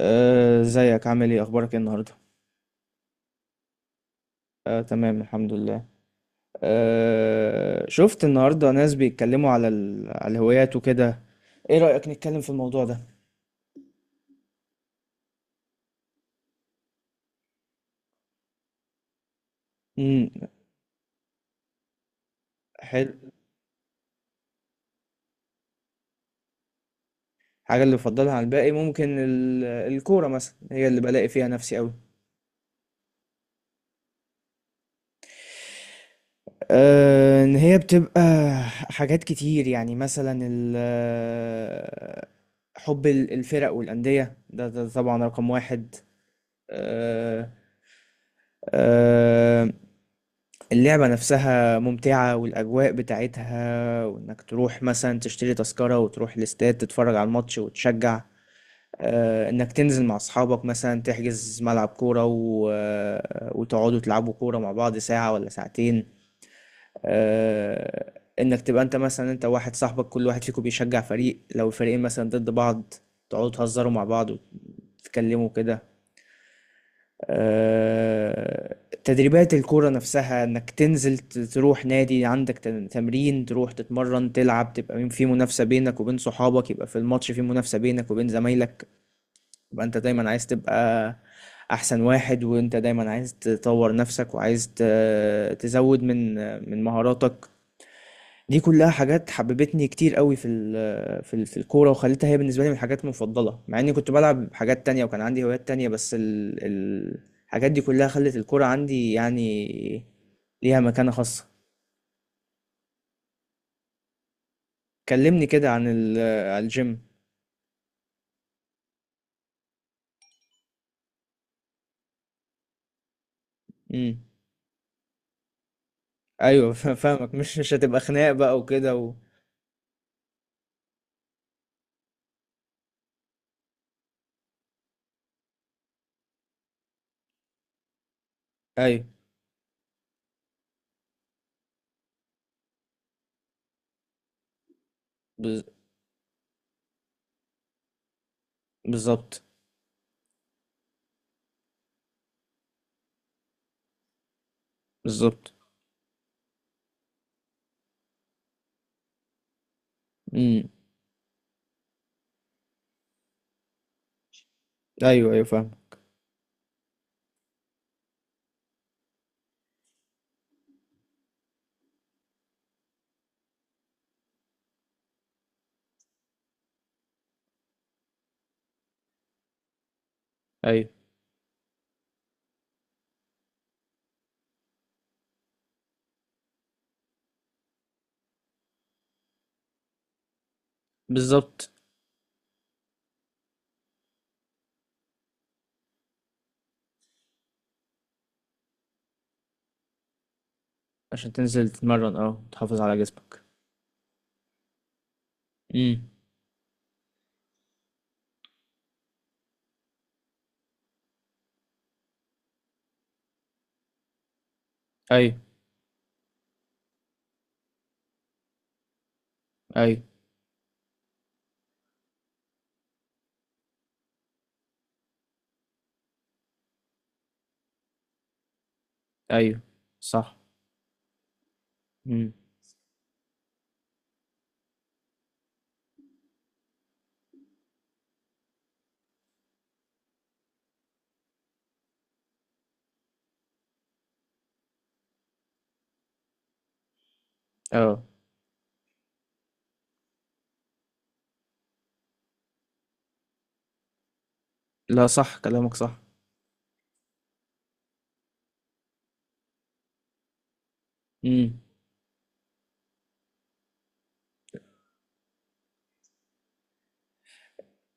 ازيك عامل ايه اخبارك ايه النهارده؟ تمام الحمد لله. شفت النهارده ناس بيتكلموا على الهوايات وكده، ايه رأيك نتكلم في الموضوع ده؟ امم. حلو. حاجه اللي بفضلها عن الباقي ممكن الكوره مثلا، هي اللي بلاقي فيها نفسي قوي. ان هي بتبقى حاجات كتير، يعني مثلا ال... آه، حب الفرق والأندية، ده طبعا رقم واحد. آه، آه، اللعبة نفسها ممتعة والأجواء بتاعتها، وإنك تروح مثلا تشتري تذكرة وتروح الاستاد تتفرج على الماتش وتشجع. إنك تنزل مع أصحابك مثلا تحجز ملعب كورة و... آه، وتقعدوا تلعبوا كورة مع بعض ساعة ولا ساعتين. آه، إنك تبقى أنت مثلا أنت واحد صاحبك كل واحد فيكم بيشجع فريق، لو الفريقين مثلا ضد بعض تقعدوا تهزروا مع بعض وتتكلموا كده. آه، تدريبات الكورة نفسها، انك تنزل تروح نادي عندك تمرين، تروح تتمرن تلعب، تبقى في منافسة بينك وبين صحابك، يبقى في الماتش في منافسة بينك وبين زمايلك، يبقى انت دايما عايز تبقى احسن واحد، وانت دايما عايز تطور نفسك وعايز تزود من من مهاراتك. دي كلها حاجات حببتني كتير قوي في الكوره، وخلتها هي بالنسبه لي من الحاجات المفضله، مع اني كنت بلعب حاجات تانية وكان عندي هوايات تانية، بس الحاجات دي كلها خلت الكوره عندي يعني ليها مكانه خاصه. كلمني كده عن عن الجيم. امم. ايوه فاهمك، مش هتبقى خناق بقى وكده و... ايوه. بز- بالظبط. بالظبط. امم. ايوه ايوه فاهم. ايوه. بالظبط. عشان تنزل تتمرن، اه تحافظ على جسمك. امم. ايوه ايوه. أيوه. صح. إمم. آه، لا صح، كلامك صح. إمم.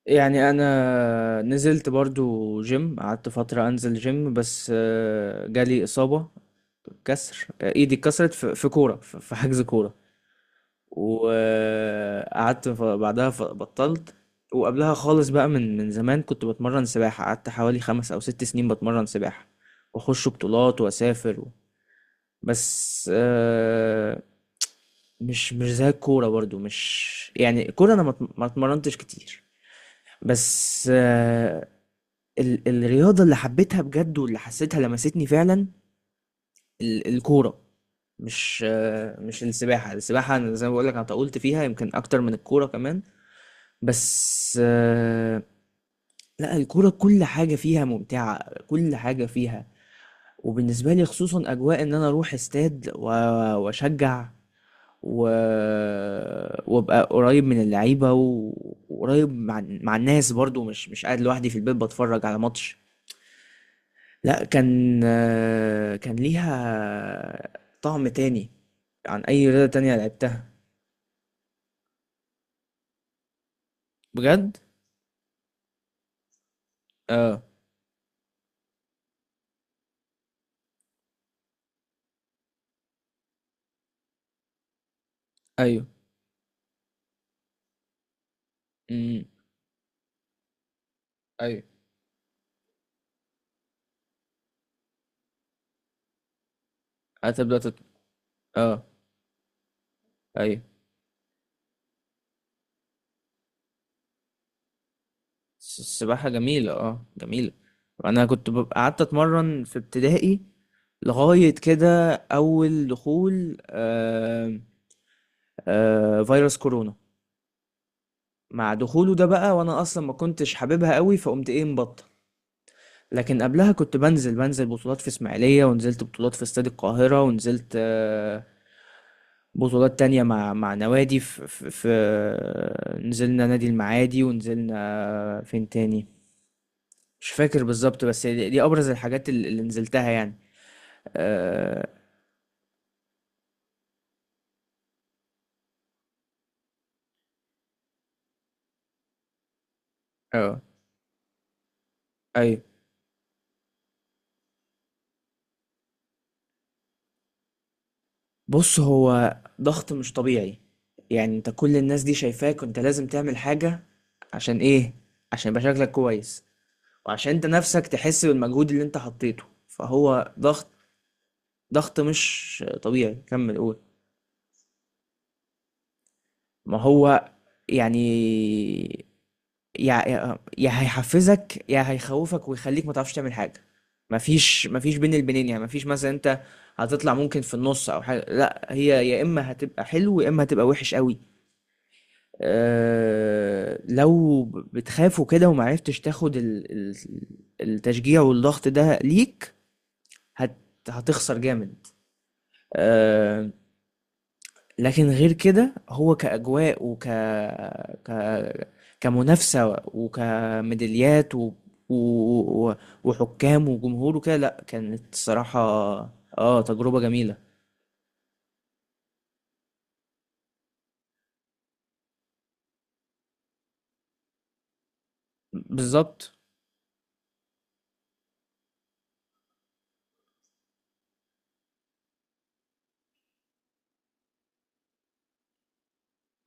يعني أنا نزلت برضه gym، قعدت فترة أنزل gym، بس جالي إصابة. كسر، إيدي اتكسرت في كورة، ف في حجز كورة، وقعدت ف بعدها ف بطلت. وقبلها خالص بقى من من زمان كنت باتمرن سباحة، قعدت حوالي 5 أو 6 سنين باتمرن سباحة، وأخش بطولات وأسافر و... بس مش زي الكورة برضو، مش يعني الكورة أنا ما اتمرنتش كتير. بس الرياضة اللي حبيتها بجد واللي حسيتها لمستني فعلا الكورة. مش السباحة، السباحة أنا زي ما بقولك أنا طولت فيها يمكن أكتر من الكورة كمان، بس لا الكورة كل حاجة فيها ممتعة، كل حاجة فيها. وبالنسبة لي خصوصا أجواء إن أنا أروح استاد وأشجع و... وابقى قريب من اللعيبه وقريب مع مع الناس، برضو مش قاعد لوحدي في البيت بتفرج على ماتش. لا كان كان ليها طعم تاني عن اي رياضه تانية لعبتها. بجد. اه. ايوه. امم. ايوه. هتبدا تت... اه. ايوه. السباحه جميله، اه جميله. انا كنت ببقى قعدت اتمرن في ابتدائي لغايه كده اول دخول فيروس كورونا. مع دخوله ده بقى، وانا اصلا ما كنتش حاببها قوي، فقمت ايه مبطل. لكن قبلها كنت بنزل بطولات في اسماعيلية، ونزلت بطولات في استاد القاهرة، ونزلت بطولات تانية مع مع نوادي في نزلنا نادي المعادي، ونزلنا فين تاني مش فاكر بالظبط، بس دي أبرز الحاجات اللي نزلتها يعني. اه. اه. ايوه. بص هو ضغط مش طبيعي، يعني انت كل الناس دي شايفاك وانت لازم تعمل حاجة. عشان ايه؟ عشان يبقى شكلك كويس، وعشان انت نفسك تحس بالمجهود اللي انت حطيته، فهو ضغط. ضغط مش طبيعي. كمل قول. ما هو يعني يا هيحفزك يا هيخوفك ويخليك ما تعرفش تعمل حاجة. مفيش بين البنين، يعني مفيش مثلا انت هتطلع ممكن في النص او حاجة، لا هي يا اما هتبقى حلو يا اما هتبقى وحش قوي. لو بتخاف وكده ومعرفتش تاخد التشجيع والضغط ده ليك، هت هتخسر جامد. آه، لكن غير كده هو كأجواء وك ك كمنافسة وكميداليات و... و- وحكام وجمهور وكده، لا كانت الصراحة. اه تجربة جميلة. بالظبط.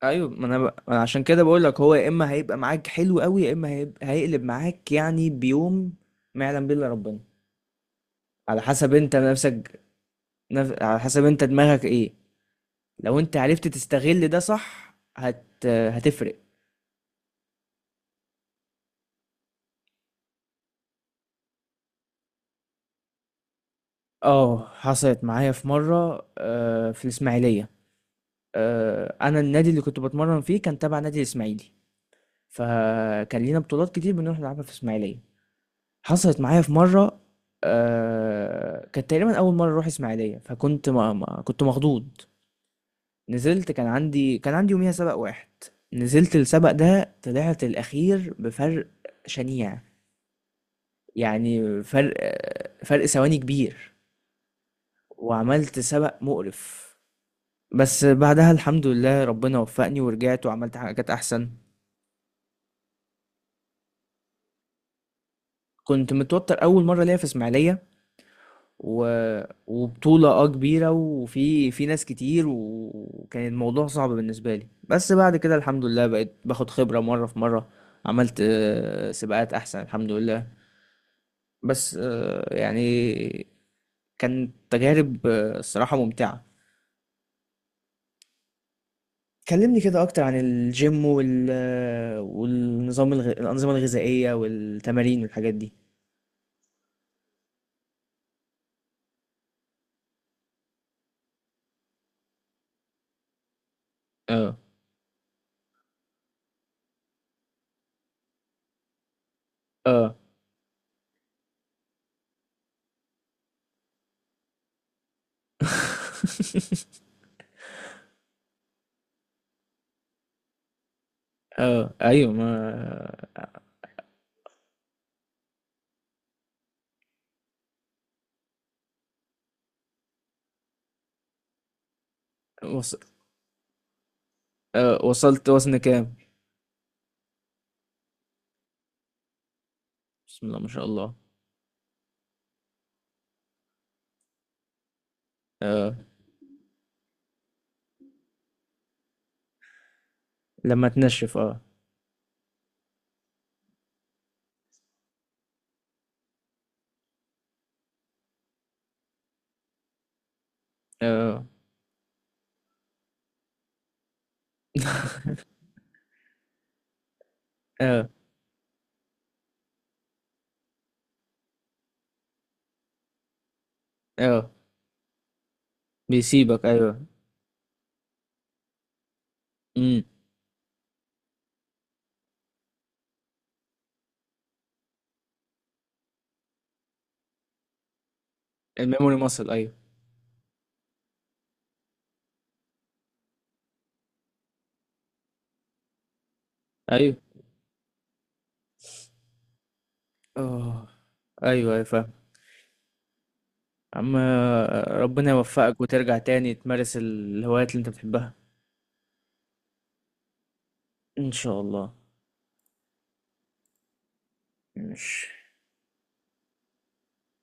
ايوه ما انا أنا عشان كده بقول لك هو يا اما هيبقى معاك حلو قوي، يا اما هيقلب معاك، يعني بيوم ما يعلم به الا ربنا. على حسب انت نفسك على حسب انت دماغك ايه. لو انت عرفت تستغل ده صح هتفرق. اه حصلت معايا في مره، في الاسماعيليه. انا النادي اللي كنت بتمرن فيه كان تبع نادي الاسماعيلي، فكان لينا بطولات كتير بنروح نلعبها في الاسماعيليه. حصلت معايا في مرة، كانت تقريبا أول مرة أروح إسماعيلية، فكنت ما كنت مخضوض. نزلت كان عندي يوميها سبق واحد، نزلت السبق ده طلعت الأخير بفرق شنيع. يعني فرق ثواني كبير، وعملت سبق مقرف. بس بعدها الحمد لله ربنا وفقني ورجعت وعملت حاجات أحسن. كنت متوتر أول مرة ليا في إسماعيلية، و... وبطولة اه كبيرة، وفي ناس كتير، وكان الموضوع صعب بالنسبة لي، بس بعد كده الحمد لله بقيت باخد خبرة مرة في مرة. عملت سباقات أحسن الحمد لله. بس يعني كانت تجارب الصراحة ممتعة. كلمني كده أكتر عن الجيم وال... آه، والنظام الأنظمة الغذائية والتمارين والحاجات دي. اه. اه. اه ايوه ما وص... آه، وصلت وزن كام؟ بسم الله ما شاء الله. اه. لما تنشف اه. اه. اه. اه. بيسيبك ايوه. امم. الميموري ماسل ايوه. ايوه. اه. ايوه ايوه فاهم. عم ربنا يوفقك وترجع تاني تمارس الهوايات اللي انت بتحبها. ان شاء الله. ماشي.